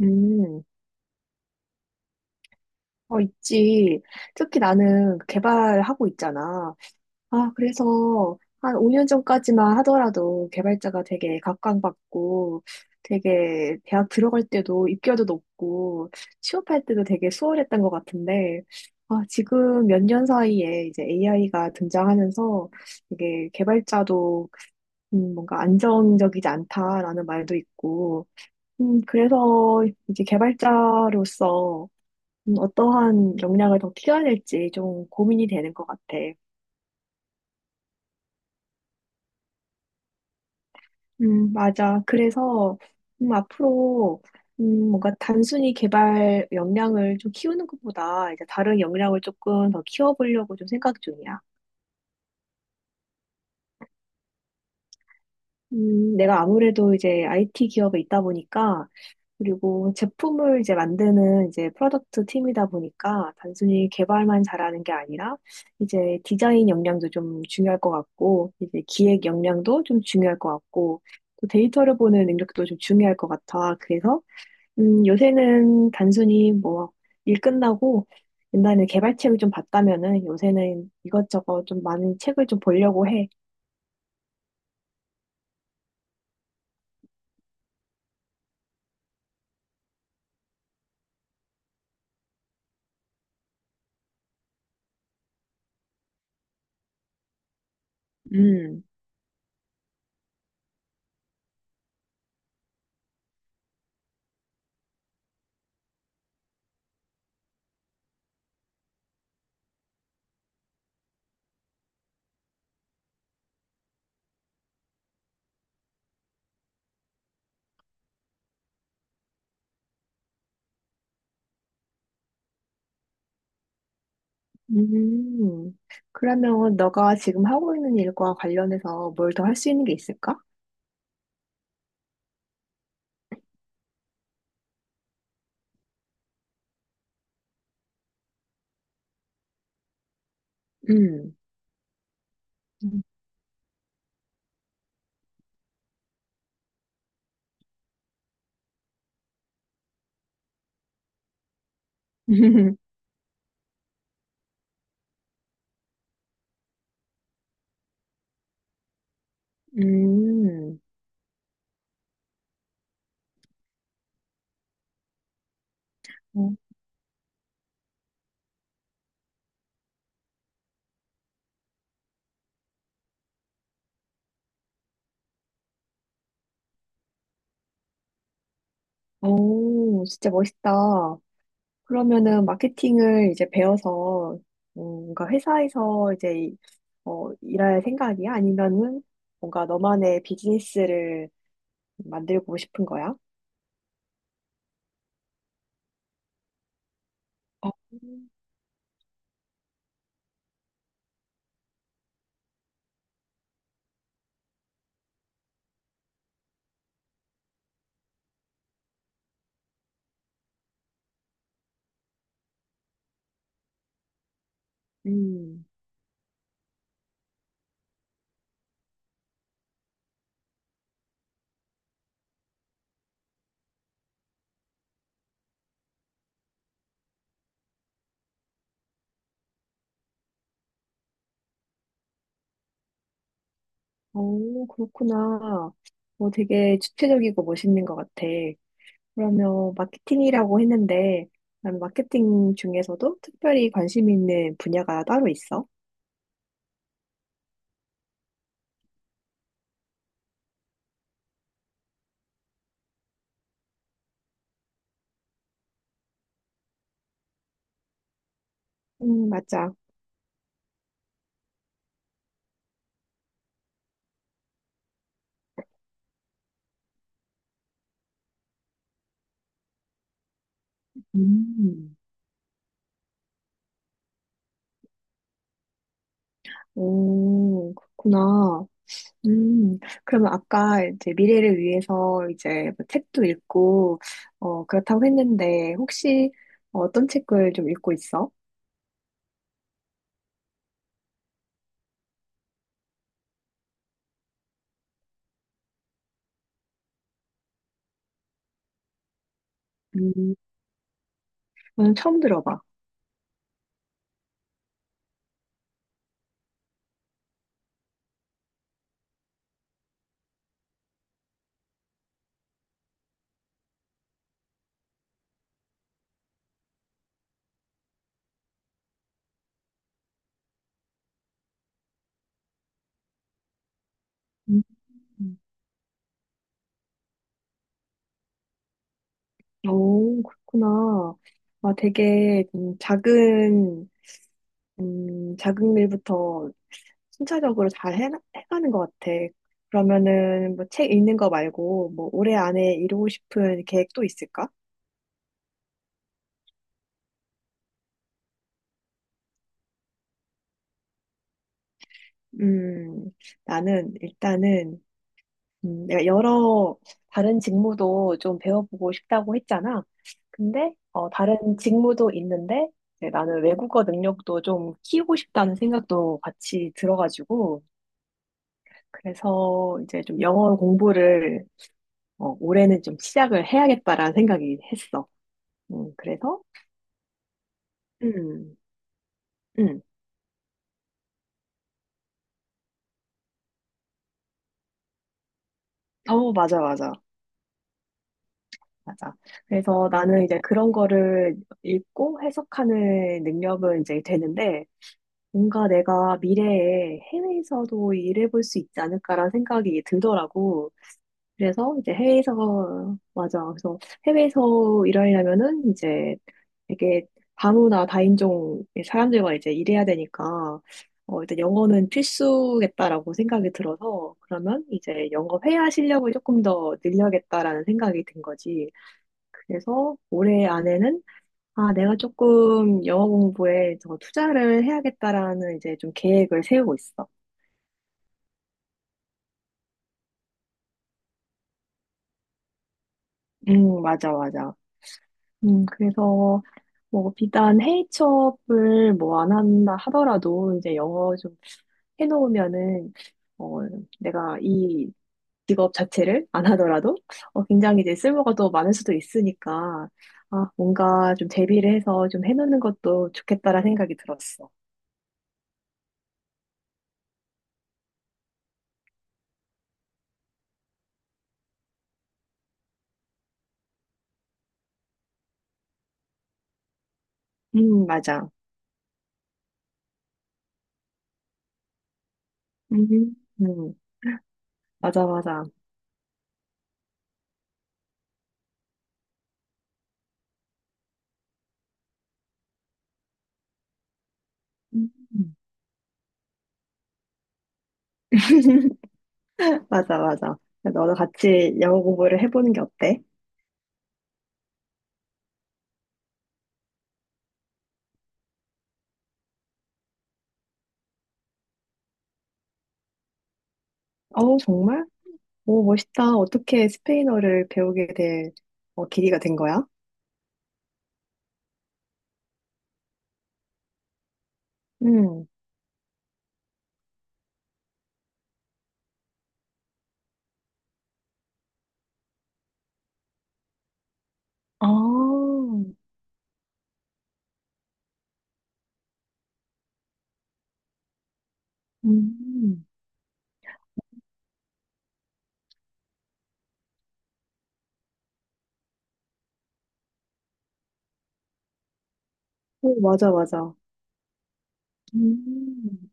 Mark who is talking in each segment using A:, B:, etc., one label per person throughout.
A: 음, 어, 있지. 특히 나는 개발하고 있잖아. 아, 그래서 한 5년 전까지만 하더라도 개발자가 되게 각광받고 되게 대학 들어갈 때도 입결도 높고 취업할 때도 되게 수월했던 것 같은데, 아, 지금 몇 년 사이에 이제 AI가 등장하면서 되게 개발자도 뭔가 안정적이지 않다라는 말도 있고, 그래서 이제 개발자로서 어떠한 역량을 더 키워낼지 좀 고민이 되는 것 같아. 맞아. 그래서, 앞으로, 뭔가 단순히 개발 역량을 좀 키우는 것보다 이제 다른 역량을 조금 더 키워보려고 좀 생각 중이야. 내가 아무래도 이제 IT 기업에 있다 보니까 그리고 제품을 이제 만드는 이제 프로덕트 팀이다 보니까 단순히 개발만 잘하는 게 아니라 이제 디자인 역량도 좀 중요할 것 같고 이제 기획 역량도 좀 중요할 것 같고 또 데이터를 보는 능력도 좀 중요할 것 같아. 그래서 요새는 단순히 뭐 일 끝나고 옛날에 개발책을 좀 봤다면은 요새는 이것저것 좀 많은 책을 좀 보려고 해. 음. 음, 그러면 너가 지금 하고 있는 일과 관련해서 뭘 더 할 수 있는 게 있을까? 음, 음. 음, 어, 오, 진짜 멋있다. 그러면은 마케팅을 이제 배워서 뭔가 회사에서 이제 일할 생각이야? 아니면은 뭔가 너만의 비즈니스를 만들고 싶은 거야? 어, 음, 오, 그렇구나. 뭐 되게 주체적이고 멋있는 것 같아. 그러면 마케팅이라고 했는데, 그럼 마케팅 중에서도 특별히 관심 있는 분야가 따로 있어? 맞아. 음, 오, 그렇구나. 음, 그러면 아까 이제 미래를 위해서 이제 뭐 책도 읽고, 그렇다고 했는데, 혹시 어떤 책을 좀 읽고 있어? 음, 저는 처음 들어봐. 음, 오, 그렇구나. 아, 되게 작은, 작은 일부터 순차적으로 잘 해가는 것 같아. 그러면은 뭐 책 읽는 거 말고 뭐 올해 안에 이루고 싶은 계획 또 있을까? 음, 나는 일단은 내가 여러 다른 직무도 좀 배워보고 싶다고 했잖아. 근데 다른 직무도 있는데 이제 나는 외국어 능력도 좀 키우고 싶다는 생각도 같이 들어가지고 그래서 이제 좀 영어 공부를 올해는 좀 시작을 해야겠다라는 생각이 했어. 그래서 음, 음. 어, 맞아, 맞아, 맞아. 그래서 나는 이제 그런 거를 읽고 해석하는 능력은 이제 되는데, 뭔가 내가 미래에 해외에서도 일해볼 수 있지 않을까라는 생각이 들더라고. 그래서 이제 해외에서, 맞아. 그래서 해외에서 일하려면은 이제 되게 다문화 다인종의 사람들과 이제 일해야 되니까, 일단 영어는 필수겠다라고 생각이 들어서, 그러면 이제 영어 회화 실력을 조금 더 늘려야겠다라는 생각이 든 거지. 그래서 올해 안에는, 아, 내가 조금 영어 공부에 더 투자를 해야겠다라는 이제 좀 계획을 세우고 있어. 맞아, 맞아. 그래서 뭐 비단 해외 취업을 뭐 안 한다 하더라도 이제 영어 좀 해놓으면은 어 내가 이 직업 자체를 안 하더라도 굉장히 이제 쓸모가 더 많을 수도 있으니까 뭔가 좀 대비를 해서 좀 해놓는 것도 좋겠다라는 생각이 들었어. 맞아. 음, 음 맞아 맞아. 음. 맞아 맞아. 너도 같이 영어 공부를 해보는 게 어때? 어우 정말? 오, 멋있다. 어떻게 스페인어를 배우게 될 계기가 된 거야? 음. 아, 음. 오, 맞아, 맞아. 음.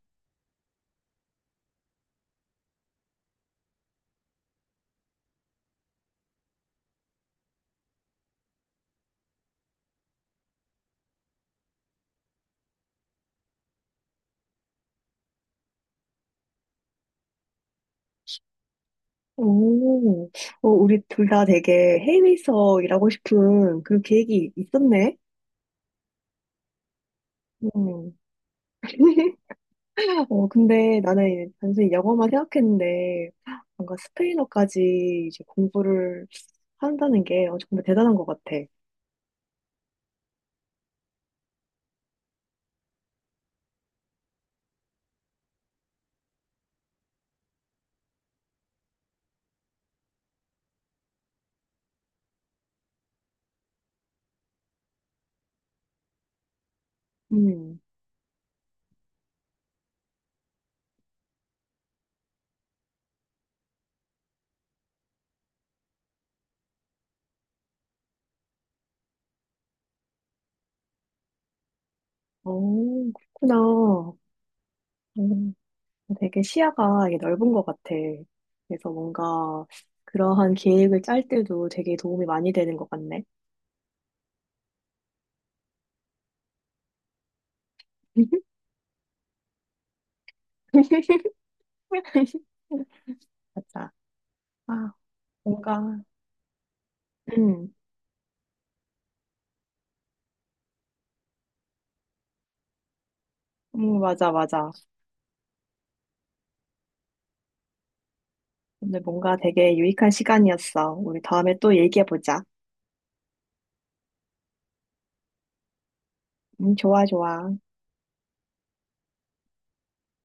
A: 오, 우리 둘 다 되게 해외에서 일하고 싶은 그 계획이 있었네. 음. 근데 나는 단순히 영어만 생각했는데 뭔가 스페인어까지 이제 공부를 한다는 게 정말 대단한 것 같아. 음. 어, 그렇구나. 어, 되게 시야가 이게 넓은 것 같아. 그래서 뭔가 그러한 계획을 짤 때도 되게 도움이 많이 되는 것 같네. 맞아. 아, 뭔가, 음, 맞아, 맞아. 오늘 뭔가 되게 유익한 시간이었어. 우리 다음에 또 얘기해보자. 좋아, 좋아.